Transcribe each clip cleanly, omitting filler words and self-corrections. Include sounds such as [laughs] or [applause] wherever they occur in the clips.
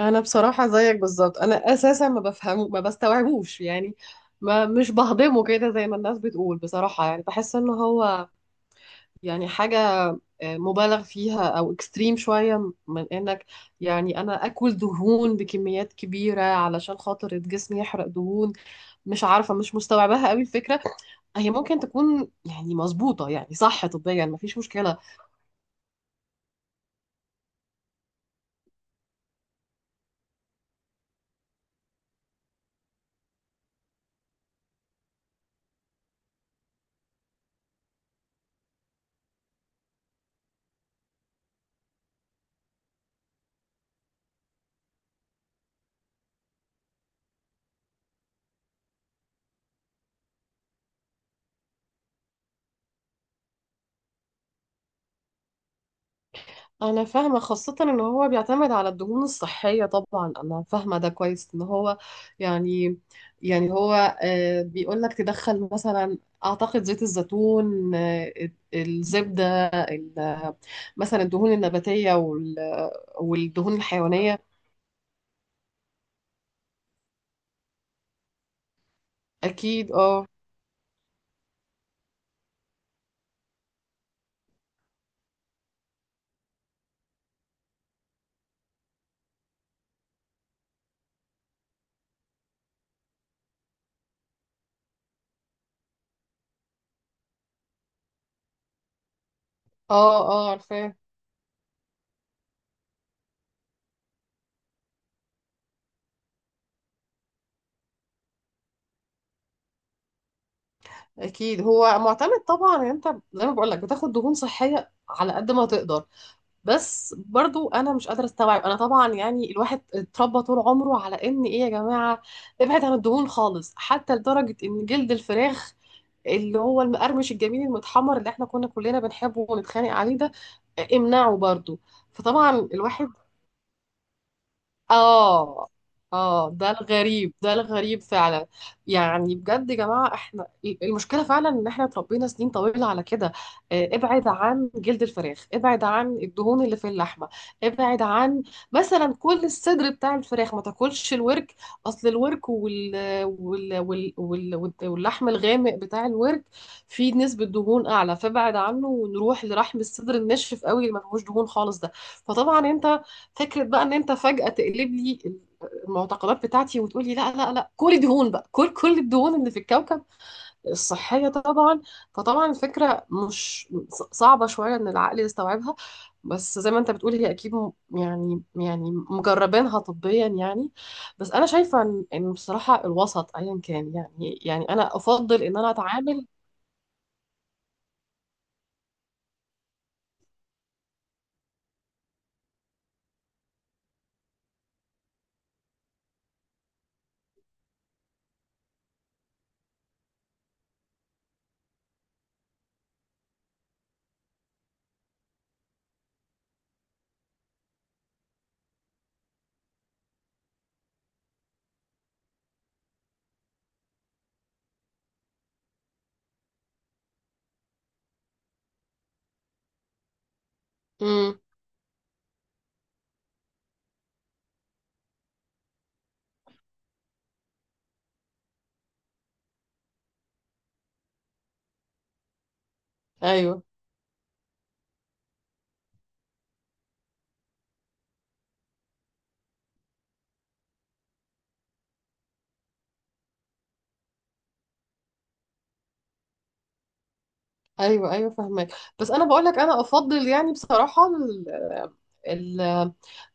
انا بصراحه زيك بالظبط، انا اساسا ما بفهمه، ما بستوعبوش يعني. ما مش بهضمه كده زي ما الناس بتقول، بصراحه يعني بحس ان هو يعني حاجه مبالغ فيها او اكستريم شويه، من انك يعني انا اكل دهون بكميات كبيره علشان خاطر جسمي يحرق دهون. مش عارفه، مش مستوعباها قوي الفكره. هي ممكن تكون يعني مظبوطه، يعني صح طبيا، ما فيش مشكله. انا فاهمه، خاصه ان هو بيعتمد على الدهون الصحيه، طبعا انا فاهمه ده كويس، ان هو يعني يعني هو بيقول لك تدخل مثلا، اعتقد زيت الزيتون، الزبده، مثلا الدهون النباتيه والدهون الحيوانيه. اكيد، اه، اه، اه، عارفاه. اكيد هو معتمد طبعا، انت زي ما بقول لك، بتاخد دهون صحيه على قد ما تقدر. بس برضو انا مش قادره استوعب، انا طبعا يعني الواحد اتربى طول عمره على ان ايه يا جماعه، ابعد عن الدهون خالص، حتى لدرجه ان جلد الفراخ، اللي هو المقرمش الجميل المتحمر اللي احنا كنا كلنا بنحبه ونتخانق عليه ده، امنعه برضو. فطبعا الواحد، اه، اه، ده الغريب، ده الغريب فعلا. يعني بجد يا جماعة، احنا المشكلة فعلا ان احنا اتربينا سنين طويلة على كده، ابعد عن جلد الفراخ، ابعد عن الدهون اللي في اللحمة، ابعد عن مثلا كل الصدر بتاع الفراخ، ما تاكلش الورك. اصل الورك واللحم الغامق بتاع الورك فيه نسبة دهون اعلى، فابعد عنه ونروح لرحم الصدر الناشف قوي اللي ما فيهوش دهون خالص ده. فطبعا انت، فكرة بقى ان انت فجأة تقلب لي المعتقدات بتاعتي وتقولي لا، لا، لا، كل دهون بقى، كل الدهون اللي في الكوكب الصحية طبعا. فطبعا الفكرة مش صعبة شوية ان العقل يستوعبها، بس زي ما انت بتقول، هي اكيد يعني يعني مجربينها طبيا يعني. بس انا شايفة إن بصراحة الوسط ايا كان، يعني يعني انا افضل ان انا اتعامل. امم. ايوه، ايوه، ايوه، فاهمك. بس انا بقول لك، انا افضل يعني بصراحة ال...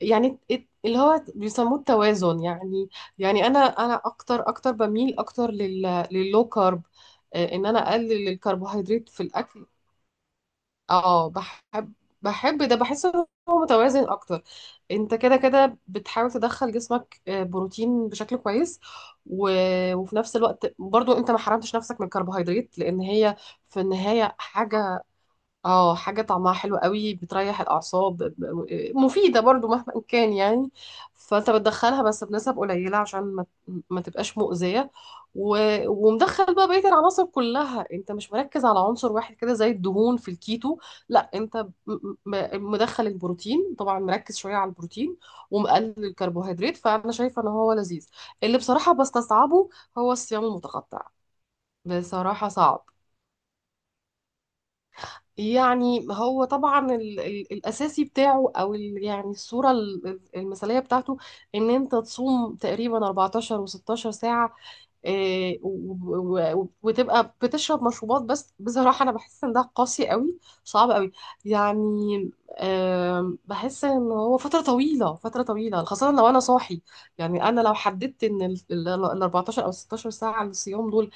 يعني اللي هو بيسموه التوازن يعني. يعني انا اكتر اكتر بميل اكتر لللو كارب، ان انا اقلل الكربوهيدرات في الاكل. اه بحب، بحب ده، بحس ان هو متوازن اكتر. انت كده كده بتحاول تدخل جسمك بروتين بشكل كويس، و... وفي نفس الوقت برضو انت ما حرمتش نفسك من الكربوهيدرات، لان هي في النهاية حاجة، اه حاجة طعمها حلو قوي بتريح الأعصاب، مفيدة برضو مهما كان يعني. فأنت بتدخلها بس بنسب قليلة عشان ما تبقاش مؤذية، و... ومدخل بقى بقية العناصر كلها. أنت مش مركز على عنصر واحد كده زي الدهون في الكيتو، لا أنت مدخل البروتين، طبعا مركز شوية على البروتين ومقلل الكربوهيدرات، فأنا شايفة إن هو لذيذ. اللي بصراحة بستصعبه هو الصيام المتقطع، بصراحة صعب. يعني هو طبعا ال ال الاساسي بتاعه، او ال يعني الصوره المثاليه بتاعته ان انت تصوم تقريبا 14 و16 ساعه، وتبقى بتشرب مشروبات، بس بصراحه انا بحس ان ده قاسي قوي، صعب قوي يعني. بحس ان هو فتره طويله، فتره طويله، خاصه لو انا صاحي. يعني انا لو حددت ان ال 14 او 16 ساعه الصيام دول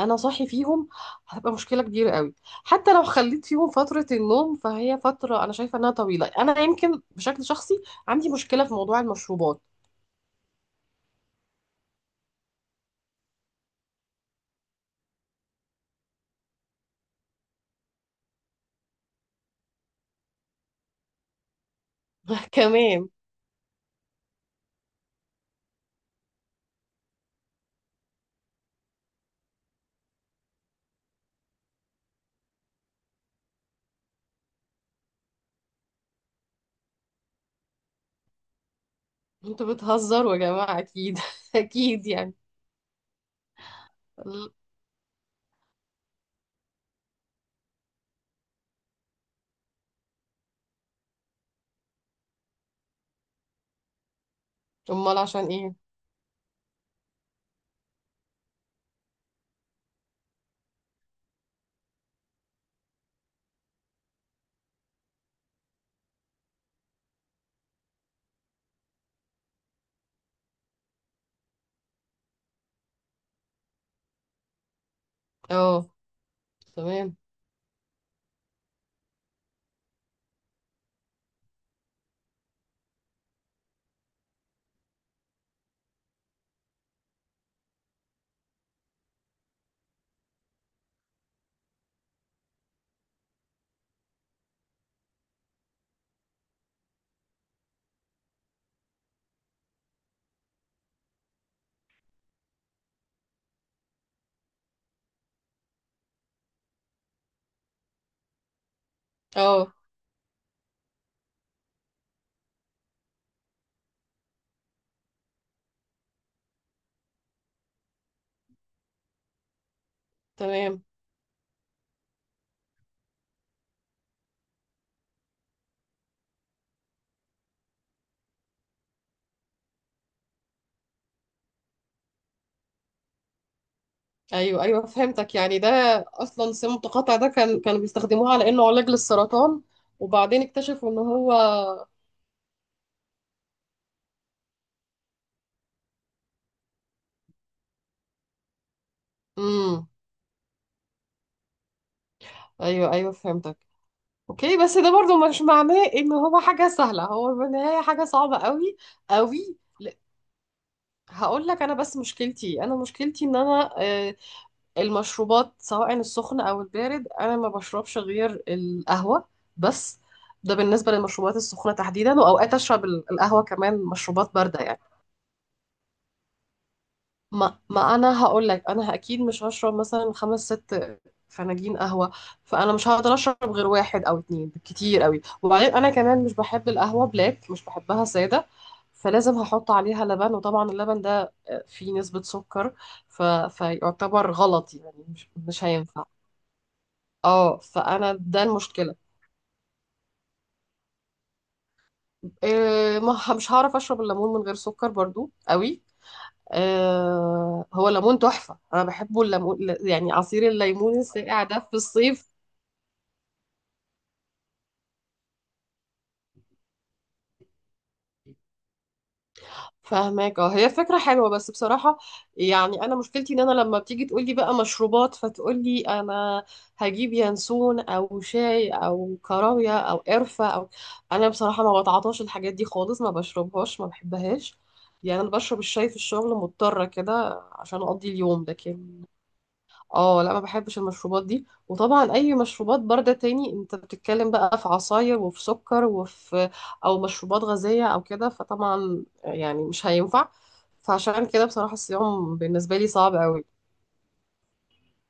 انا صاحي فيهم، هتبقى مشكله كبيره قوي. حتى لو خليت فيهم فتره النوم، فهي فتره انا شايفه انها طويله. انا يمكن بشكل شخصي عندي مشكله في موضوع المشروبات. [laughs] كمان. انتوا بتهزروا يا جماعه، اكيد [laughs] اكيد يعني. امال عشان ايه؟ اه تمام، اه تمام. ايوه، ايوه، فهمتك. يعني ده اصلا سم متقاطع ده كانوا بيستخدموه على انه علاج للسرطان. وبعدين اكتشفوا ان هو. امم. ايوه، ايوه، فهمتك. اوكي، بس ده برضو مش معناه ان هو حاجة سهلة، هو بالنهاية حاجة صعبة قوي قوي. هقول لك انا، بس مشكلتي، انا مشكلتي ان انا المشروبات سواء السخن او البارد انا ما بشربش غير القهوة بس. ده بالنسبة للمشروبات السخنة تحديدا، واوقات اشرب القهوة كمان مشروبات باردة يعني. ما انا هقول لك، انا اكيد مش هشرب مثلا خمس ست فناجين قهوه. فانا مش هقدر اشرب غير واحد او اتنين بالكتير قوي، وبعدين انا كمان مش بحب القهوه بلاك، مش بحبها ساده، فلازم هحط عليها لبن. وطبعا اللبن ده فيه نسبه سكر، ف... فيعتبر غلط يعني، مش هينفع. اه، فانا ده المشكله. إيه، ما مش هعرف اشرب الليمون من غير سكر برضو قوي. هو ليمون تحفة، أنا بحبه الليمون، يعني عصير الليمون الساقع ده في الصيف. فهماك. اه، هي فكرة حلوة، بس بصراحة يعني أنا مشكلتي إن أنا لما بتيجي تقولي بقى مشروبات، فتقولي أنا هجيب ينسون أو شاي أو كراوية أو قرفة أو، أنا بصراحة ما بتعاطاش الحاجات دي خالص، ما بشربهاش، ما بحبهاش. يعني أنا بشرب الشاي في الشغل مضطرة كده عشان أقضي اليوم، لكن اه لا، ما بحبش المشروبات دي. وطبعا اي مشروبات بارده تاني انت بتتكلم بقى في عصاير وفي سكر وفي، او مشروبات غازيه او كده، فطبعا يعني مش هينفع، فعشان كده بصراحه الصيام بالنسبه لي صعب قوي.